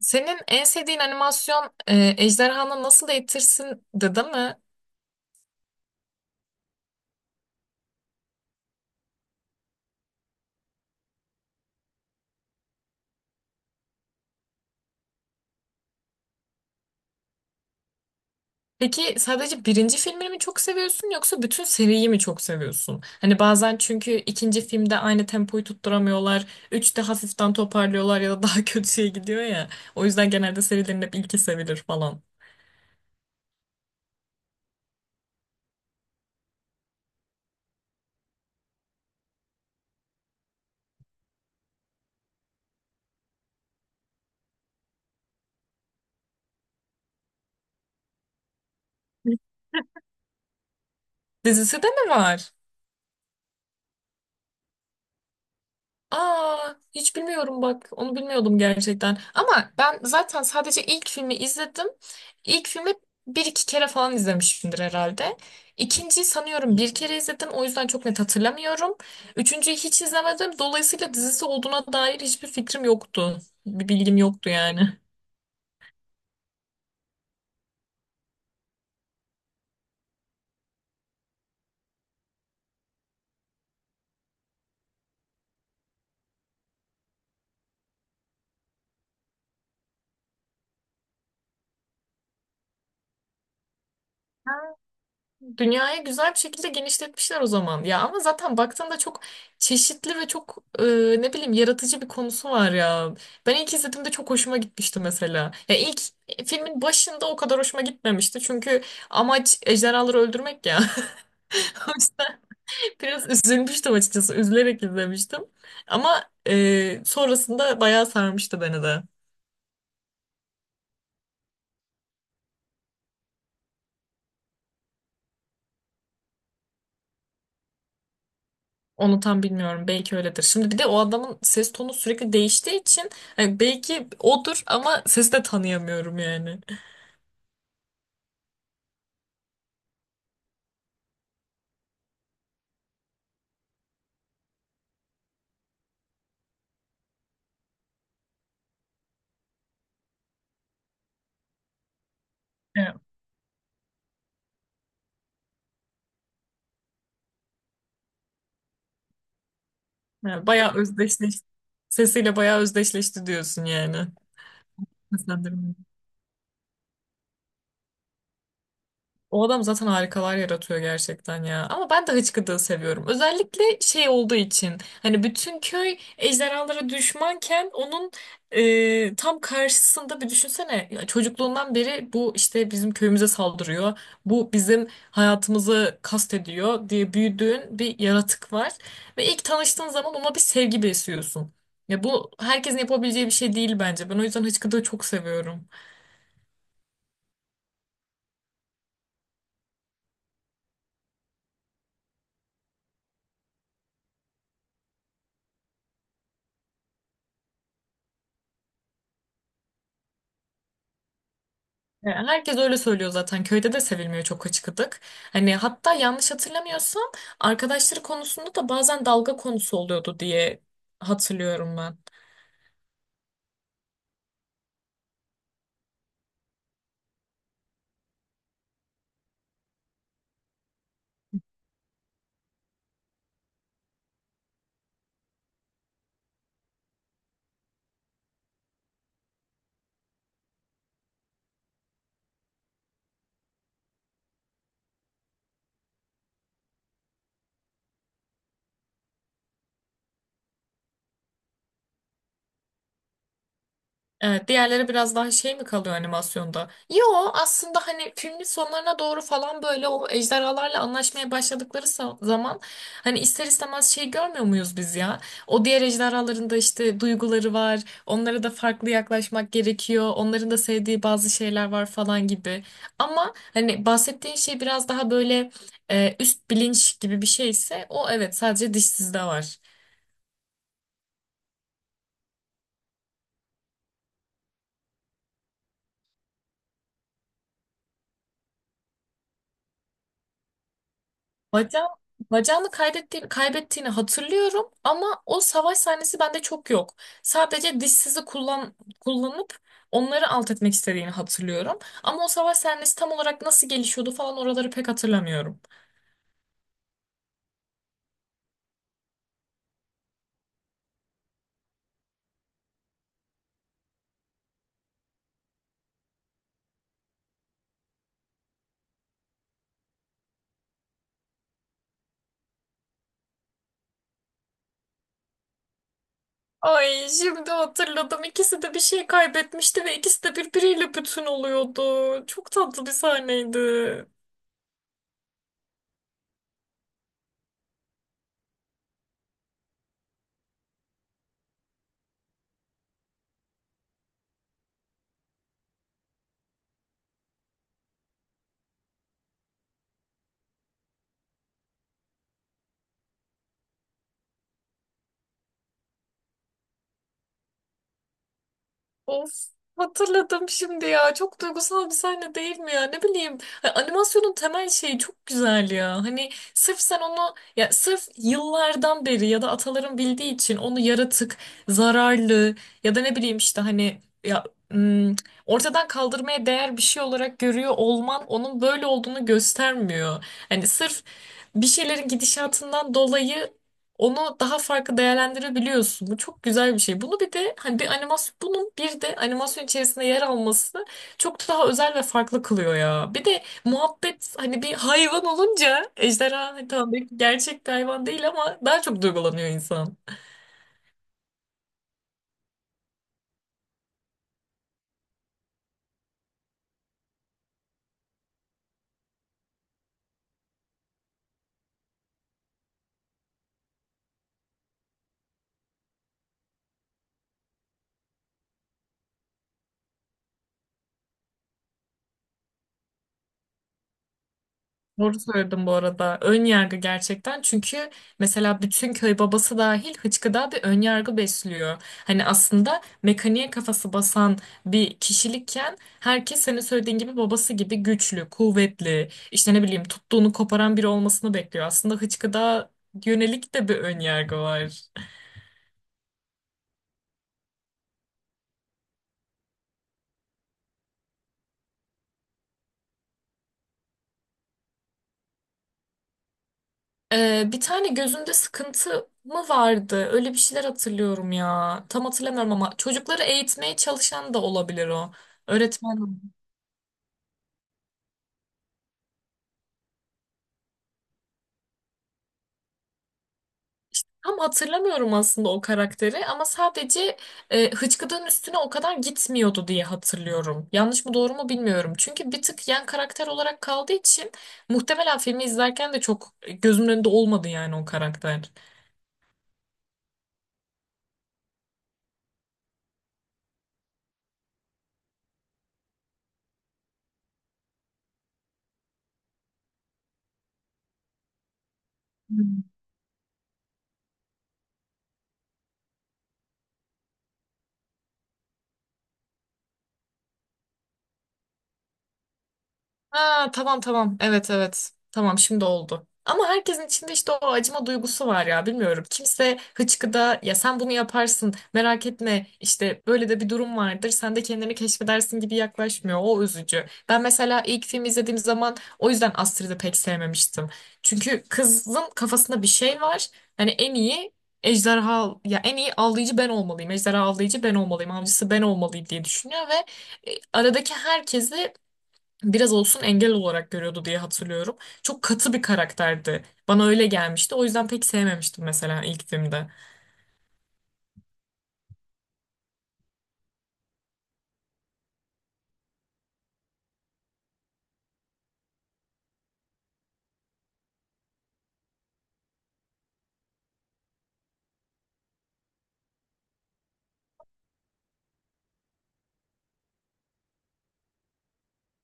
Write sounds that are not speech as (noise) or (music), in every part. Senin en sevdiğin animasyon Ejderhanı Nasıl Eğitirsin'di değil mi? Peki sadece birinci filmini mi çok seviyorsun yoksa bütün seriyi mi çok seviyorsun? Hani bazen çünkü ikinci filmde aynı tempoyu tutturamıyorlar. Üçte hafiften toparlıyorlar ya da daha (laughs) kötüye gidiyor ya. O yüzden genelde serilerin hep ilki sevilir falan. Dizisi de mi var? Aa, hiç bilmiyorum bak. Onu bilmiyordum gerçekten. Ama ben zaten sadece ilk filmi izledim. İlk filmi bir iki kere falan izlemişimdir herhalde. İkinciyi sanıyorum bir kere izledim. O yüzden çok net hatırlamıyorum. Üçüncüyü hiç izlemedim. Dolayısıyla dizisi olduğuna dair hiçbir fikrim yoktu. Bir bilgim yoktu yani. Dünyayı güzel bir şekilde genişletmişler o zaman. Ya ama zaten baktığında çok çeşitli ve çok ne bileyim yaratıcı bir konusu var ya. Ben ilk izlediğimde çok hoşuma gitmişti mesela. Ya ilk filmin başında o kadar hoşuma gitmemişti. Çünkü amaç ejderhaları öldürmek ya. (laughs) O yüzden biraz üzülmüştüm açıkçası. Üzülerek izlemiştim. Ama sonrasında bayağı sarmıştı beni de. Onu tam bilmiyorum. Belki öyledir. Şimdi bir de o adamın ses tonu sürekli değiştiği için hani belki odur ama sesi de tanıyamıyorum yani. Evet. Yani bayağı özdeşleşti. Sesiyle bayağı özdeşleşti diyorsun yani. O adam zaten harikalar yaratıyor gerçekten ya. Ama ben de hıçkıdığı seviyorum. Özellikle şey olduğu için. Hani bütün köy ejderhalara düşmanken onun tam karşısında bir düşünsene. Ya çocukluğundan beri bu işte bizim köyümüze saldırıyor. Bu bizim hayatımızı kastediyor diye büyüdüğün bir yaratık var. Ve ilk tanıştığın zaman ona bir sevgi besliyorsun. Ya bu herkesin yapabileceği bir şey değil bence. Ben o yüzden hıçkıdığı çok seviyorum. Ya herkes öyle söylüyor zaten. Köyde de sevilmiyor çok açık adık. Hani hatta yanlış hatırlamıyorsam arkadaşları konusunda da bazen dalga konusu oluyordu diye hatırlıyorum. Evet, diğerleri biraz daha şey mi kalıyor animasyonda? Yo, aslında hani filmin sonlarına doğru falan böyle o ejderhalarla anlaşmaya başladıkları zaman hani ister istemez şey görmüyor muyuz biz ya? O diğer ejderhaların da işte duyguları var. Onlara da farklı yaklaşmak gerekiyor. Onların da sevdiği bazı şeyler var falan gibi. Ama hani bahsettiğin şey biraz daha böyle üst bilinç gibi bir şeyse o, evet, sadece dişsizde var. Bacağım, bacağını kaybettiğini hatırlıyorum ama o savaş sahnesi bende çok yok. Sadece dişsizi kullanıp onları alt etmek istediğini hatırlıyorum. Ama o savaş sahnesi tam olarak nasıl gelişiyordu falan oraları pek hatırlamıyorum. Ay şimdi hatırladım. İkisi de bir şey kaybetmişti ve ikisi de birbiriyle bütün oluyordu. Çok tatlı bir sahneydi. Of, hatırladım şimdi ya. Çok duygusal bir sahne değil mi ya? Ne bileyim, hani animasyonun temel şeyi çok güzel ya. Hani sırf sen onu ya sırf yıllardan beri ya da ataların bildiği için onu yaratık, zararlı ya da ne bileyim işte hani ya ım, ortadan kaldırmaya değer bir şey olarak görüyor olman onun böyle olduğunu göstermiyor. Hani sırf bir şeylerin gidişatından dolayı onu daha farklı değerlendirebiliyorsun. Bu çok güzel bir şey. Bunun bir de animasyon içerisinde yer alması çok daha özel ve farklı kılıyor ya. Bir de muhabbet hani bir hayvan olunca ejderha hani tamam belki gerçek bir hayvan değil ama daha çok duygulanıyor insan. Doğru söyledim bu arada. Ön yargı gerçekten. Çünkü mesela bütün köy babası dahil hıçkıda bir ön yargı besliyor. Hani aslında mekaniğe kafası basan bir kişilikken herkes senin söylediğin gibi babası gibi güçlü, kuvvetli, işte ne bileyim tuttuğunu koparan biri olmasını bekliyor. Aslında hıçkıda yönelik de bir ön yargı var. Bir tane gözünde sıkıntı mı vardı? Öyle bir şeyler hatırlıyorum ya. Tam hatırlamıyorum ama çocukları eğitmeye çalışan da olabilir o. Öğretmen. Tam hatırlamıyorum aslında o karakteri ama sadece Hıçkıdık'ın üstüne o kadar gitmiyordu diye hatırlıyorum. Yanlış mı doğru mu bilmiyorum. Çünkü bir tık yan karakter olarak kaldığı için muhtemelen filmi izlerken de çok gözümün önünde olmadı yani o karakter. Ha, tamam tamam. Evet, evet. Tamam, şimdi oldu. Ama herkesin içinde işte o acıma duygusu var ya, bilmiyorum. Kimse hıçkıda ya sen bunu yaparsın merak etme işte böyle de bir durum vardır sen de kendini keşfedersin gibi yaklaşmıyor. O üzücü. Ben mesela ilk filmi izlediğim zaman o yüzden Astrid'i pek sevmemiştim. Çünkü kızın kafasında bir şey var. Hani en iyi ejderha ya en iyi avlayıcı ben olmalıyım. Ejderha avlayıcı ben olmalıyım. Avcısı ben olmalıyım diye düşünüyor ve aradaki herkesi biraz olsun engel olarak görüyordu diye hatırlıyorum. Çok katı bir karakterdi. Bana öyle gelmişti. O yüzden pek sevmemiştim mesela ilk filmde.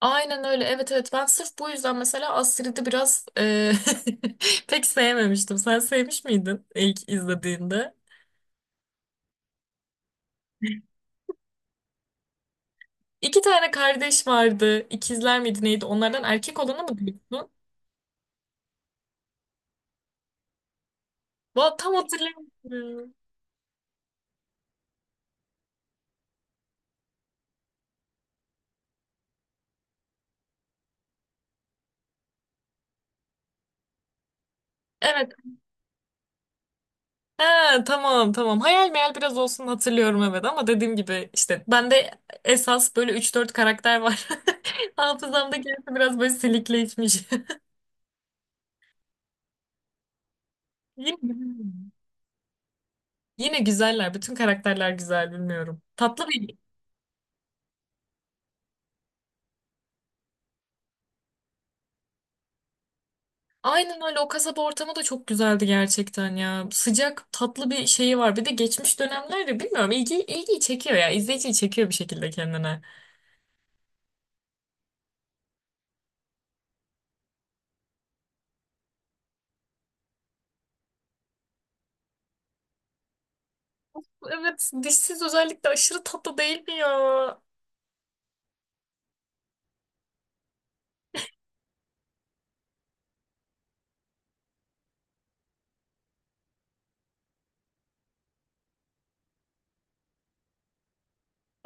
Aynen öyle. Evet, evet, ben sırf bu yüzden mesela Astrid'i biraz (laughs) pek sevmemiştim. Sen sevmiş miydin ilk izlediğinde? İki tane kardeş vardı. İkizler miydi neydi? Onlardan erkek olanı mı diyorsun? Va, tam hatırlamıyorum. Evet. Ha, tamam tamam. Hayal meyal biraz olsun hatırlıyorum evet ama dediğim gibi işte bende esas böyle üç dört karakter var. (laughs) Hafızamdaki gerisi biraz böyle silikleşmiş. (laughs) Yine, güzel. Yine güzeller. Bütün karakterler güzel, bilmiyorum. Tatlı bir. Aynen öyle, o kasaba ortamı da çok güzeldi gerçekten ya. Sıcak tatlı bir şeyi var. Bir de geçmiş dönemlerde bilmiyorum ilgiyi çekiyor ya. İzleyiciyi çekiyor bir şekilde kendine. Evet, dişsiz özellikle aşırı tatlı değil mi ya?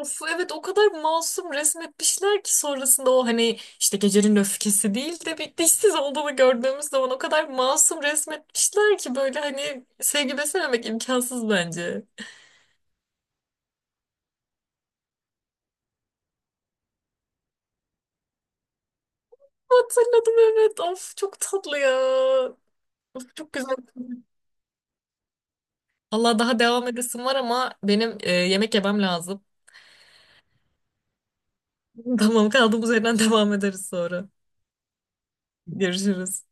Of, evet, o kadar masum resmetmişler ki sonrasında o hani işte gecenin öfkesi değil de bir dişsiz olduğunu gördüğümüz zaman o kadar masum resmetmişler ki böyle hani sevgi beslememek imkansız bence. Hatırladım, evet, of çok tatlı ya. Of, çok güzel. Allah daha devam edesim var ama benim yemek yemem lazım. (laughs) Tamam, kaldığımız yerden (laughs) devam ederiz sonra. Görüşürüz.